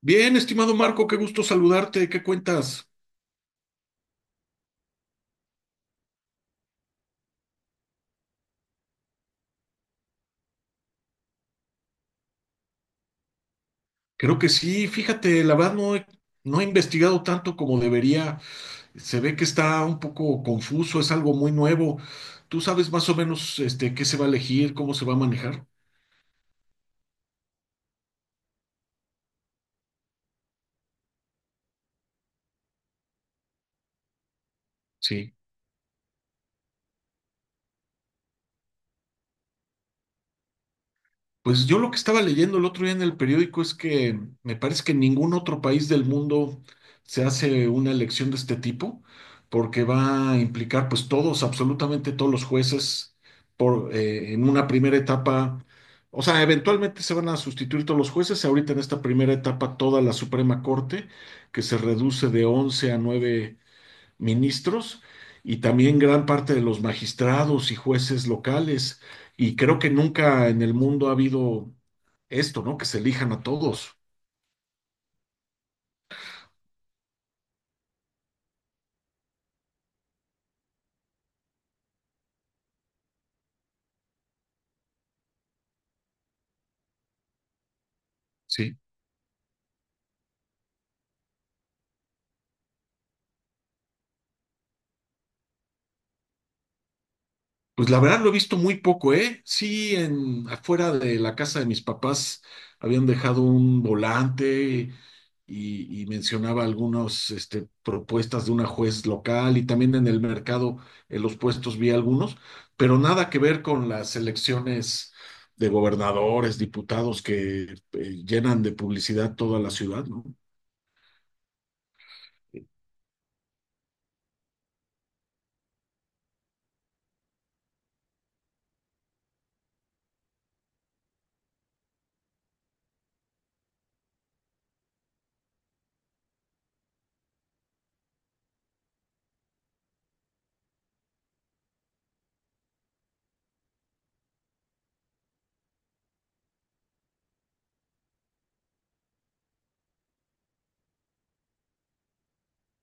Bien, estimado Marco, qué gusto saludarte, ¿qué cuentas? Creo que sí, fíjate, la verdad no he investigado tanto como debería, se ve que está un poco confuso, es algo muy nuevo. ¿Tú sabes más o menos qué se va a elegir, cómo se va a manejar? Sí. Pues yo lo que estaba leyendo el otro día en el periódico es que me parece que en ningún otro país del mundo se hace una elección de este tipo, porque va a implicar pues todos, absolutamente todos los jueces en una primera etapa. O sea, eventualmente se van a sustituir todos los jueces. Ahorita en esta primera etapa, toda la Suprema Corte, que se reduce de 11 a 9 ministros, y también gran parte de los magistrados y jueces locales. Y creo que nunca en el mundo ha habido esto, ¿no? Que se elijan a todos. Sí. Pues la verdad lo he visto muy poco, ¿eh? Sí, afuera de la casa de mis papás habían dejado un volante, y mencionaba algunas propuestas de una juez local, y también en el mercado, en los puestos vi algunos, pero nada que ver con las elecciones de gobernadores, diputados que llenan de publicidad toda la ciudad, ¿no?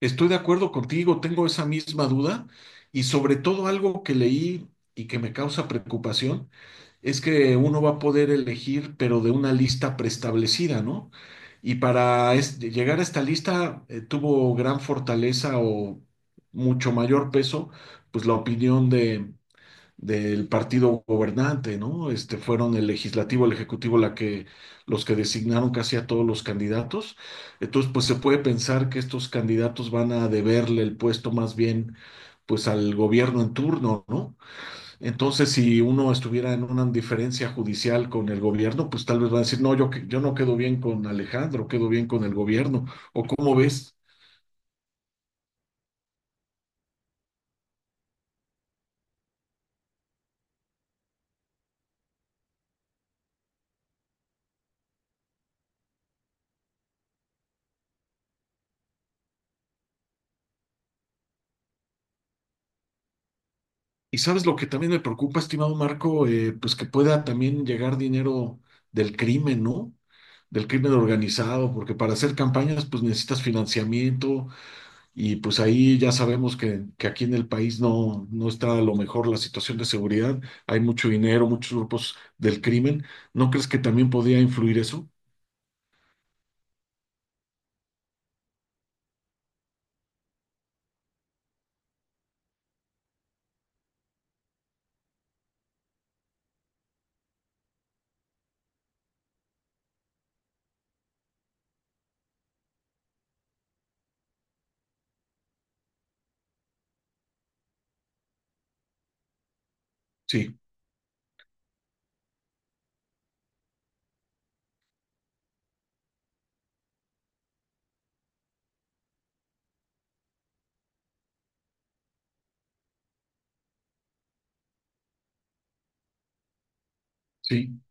Estoy de acuerdo contigo, tengo esa misma duda, y sobre todo algo que leí y que me causa preocupación es que uno va a poder elegir, pero de una lista preestablecida, ¿no? Y para llegar a esta lista tuvo gran fortaleza, o mucho mayor peso, pues la opinión de del partido gobernante, ¿no? Fueron el legislativo, el ejecutivo los que designaron casi a todos los candidatos. Entonces, pues se puede pensar que estos candidatos van a deberle el puesto más bien pues al gobierno en turno, ¿no? Entonces, si uno estuviera en una diferencia judicial con el gobierno, pues tal vez va a decir, no, yo no quedo bien con Alejandro, quedo bien con el gobierno, o cómo ves. Y sabes lo que también me preocupa, estimado Marco. Pues que pueda también llegar dinero del crimen, ¿no? Del crimen organizado, porque para hacer campañas pues necesitas financiamiento, y pues ahí ya sabemos que, aquí en el país no está a lo mejor la situación de seguridad, hay mucho dinero, muchos grupos del crimen. ¿No crees que también podría influir eso? Sí, sí.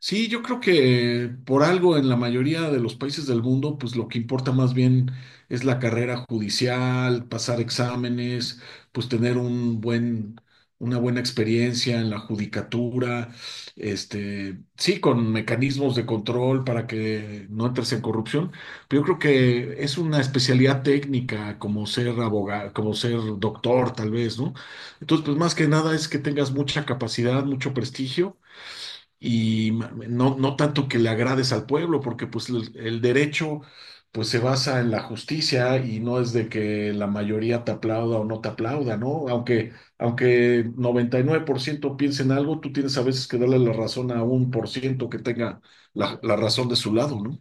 Sí, yo creo que por algo en la mayoría de los países del mundo, pues lo que importa más bien es la carrera judicial, pasar exámenes, pues tener una buena experiencia en la judicatura. Sí, con mecanismos de control para que no entres en corrupción. Pero yo creo que es una especialidad técnica, como ser abogado, como ser doctor, tal vez, ¿no? Entonces, pues más que nada es que tengas mucha capacidad, mucho prestigio, y no, tanto que le agrades al pueblo, porque pues el derecho pues se basa en la justicia, y no es de que la mayoría te aplauda o no te aplauda, ¿no? Aunque 99% piense en algo, tú tienes a veces que darle la razón a 1% que tenga la razón de su lado, ¿no?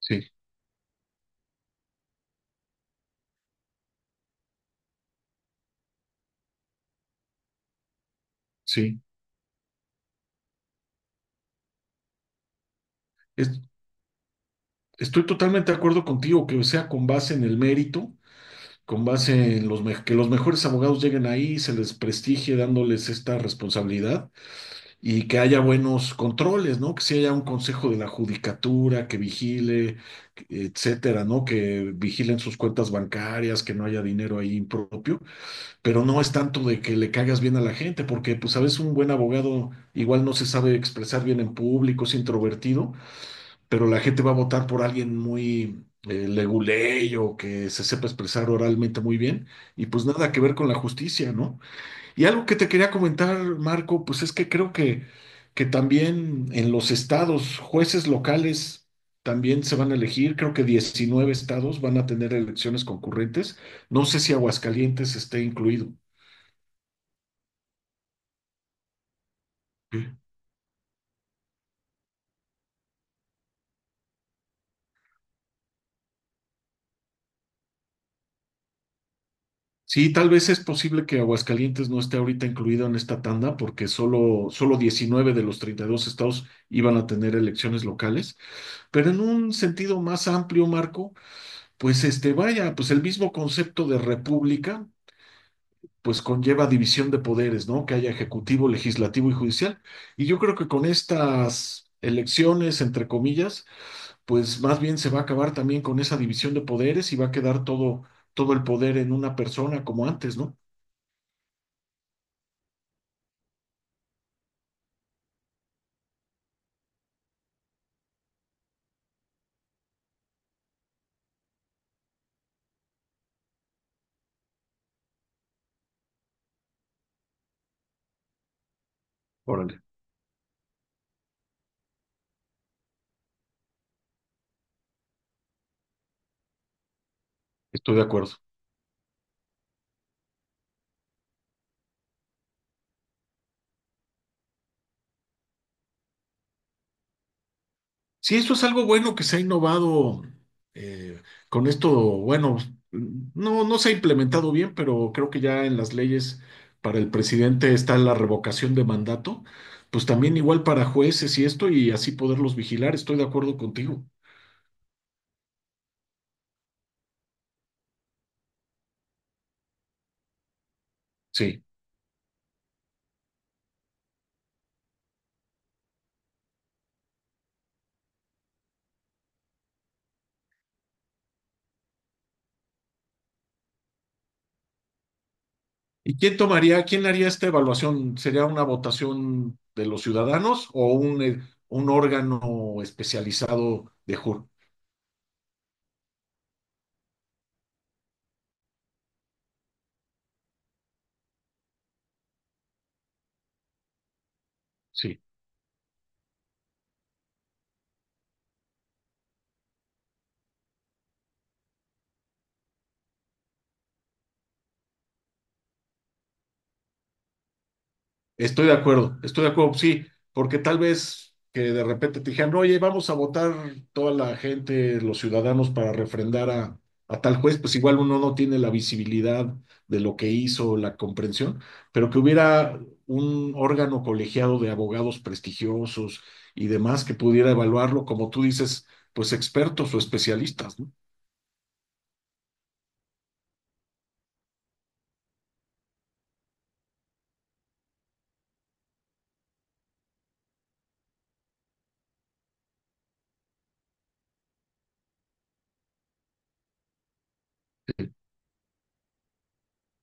Sí, sí. Es- estoy totalmente de acuerdo contigo, que sea con base en el mérito, con base en que los mejores abogados lleguen ahí, se les prestigie dándoles esta responsabilidad, y que haya buenos controles, ¿no? Que sí haya un consejo de la judicatura que vigile, etcétera, ¿no? Que vigilen sus cuentas bancarias, que no haya dinero ahí impropio. Pero no es tanto de que le caigas bien a la gente, porque pues a veces un buen abogado igual no se sabe expresar bien en público, es introvertido, pero la gente va a votar por alguien muy leguleyo, que se sepa expresar oralmente muy bien, y pues nada que ver con la justicia, ¿no? Y algo que te quería comentar, Marco, pues es que creo que también en los estados, jueces locales también se van a elegir. Creo que 19 estados van a tener elecciones concurrentes. No sé si Aguascalientes esté incluido. Mm. Sí, tal vez es posible que Aguascalientes no esté ahorita incluido en esta tanda, porque solo 19 de los 32 estados iban a tener elecciones locales. Pero en un sentido más amplio, Marco, pues vaya, pues el mismo concepto de república pues conlleva división de poderes, ¿no? Que haya ejecutivo, legislativo y judicial. Y yo creo que con estas elecciones, entre comillas, pues más bien se va a acabar también con esa división de poderes, y va a quedar todo, todo el poder en una persona como antes, ¿no? Órale, estoy de acuerdo. Sí, esto es algo bueno que se ha innovado eh, con esto. Bueno, no, se ha implementado bien, pero creo que ya en las leyes para el presidente está la revocación de mandato, pues también igual para jueces, y esto, y así poderlos vigilar. Estoy de acuerdo contigo. Sí. ¿Y quién tomaría, quién haría esta evaluación? ¿Sería una votación de los ciudadanos, o un órgano especializado de jur? Sí. Estoy de acuerdo, sí, porque tal vez que de repente te dijeran, oye, vamos a votar toda la gente, los ciudadanos, para refrendar a tal juez, pues igual uno no tiene la visibilidad de lo que hizo, la comprensión, pero que hubiera un órgano colegiado de abogados prestigiosos y demás que pudiera evaluarlo, como tú dices, pues expertos o especialistas, ¿no?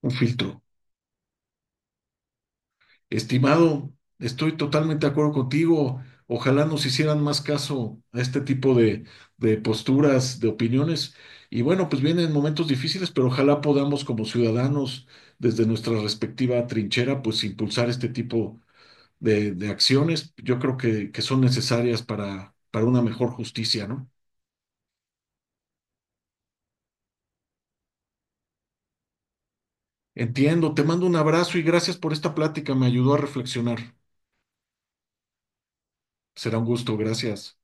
Un filtro. Estimado, estoy totalmente de acuerdo contigo. Ojalá nos hicieran más caso a este tipo de posturas, de opiniones. Y bueno, pues vienen momentos difíciles, pero ojalá podamos, como ciudadanos, desde nuestra respectiva trinchera, pues impulsar este tipo de acciones. Yo creo que son necesarias para una mejor justicia, ¿no? Entiendo, te mando un abrazo y gracias por esta plática. Me ayudó a reflexionar. Será un gusto, gracias.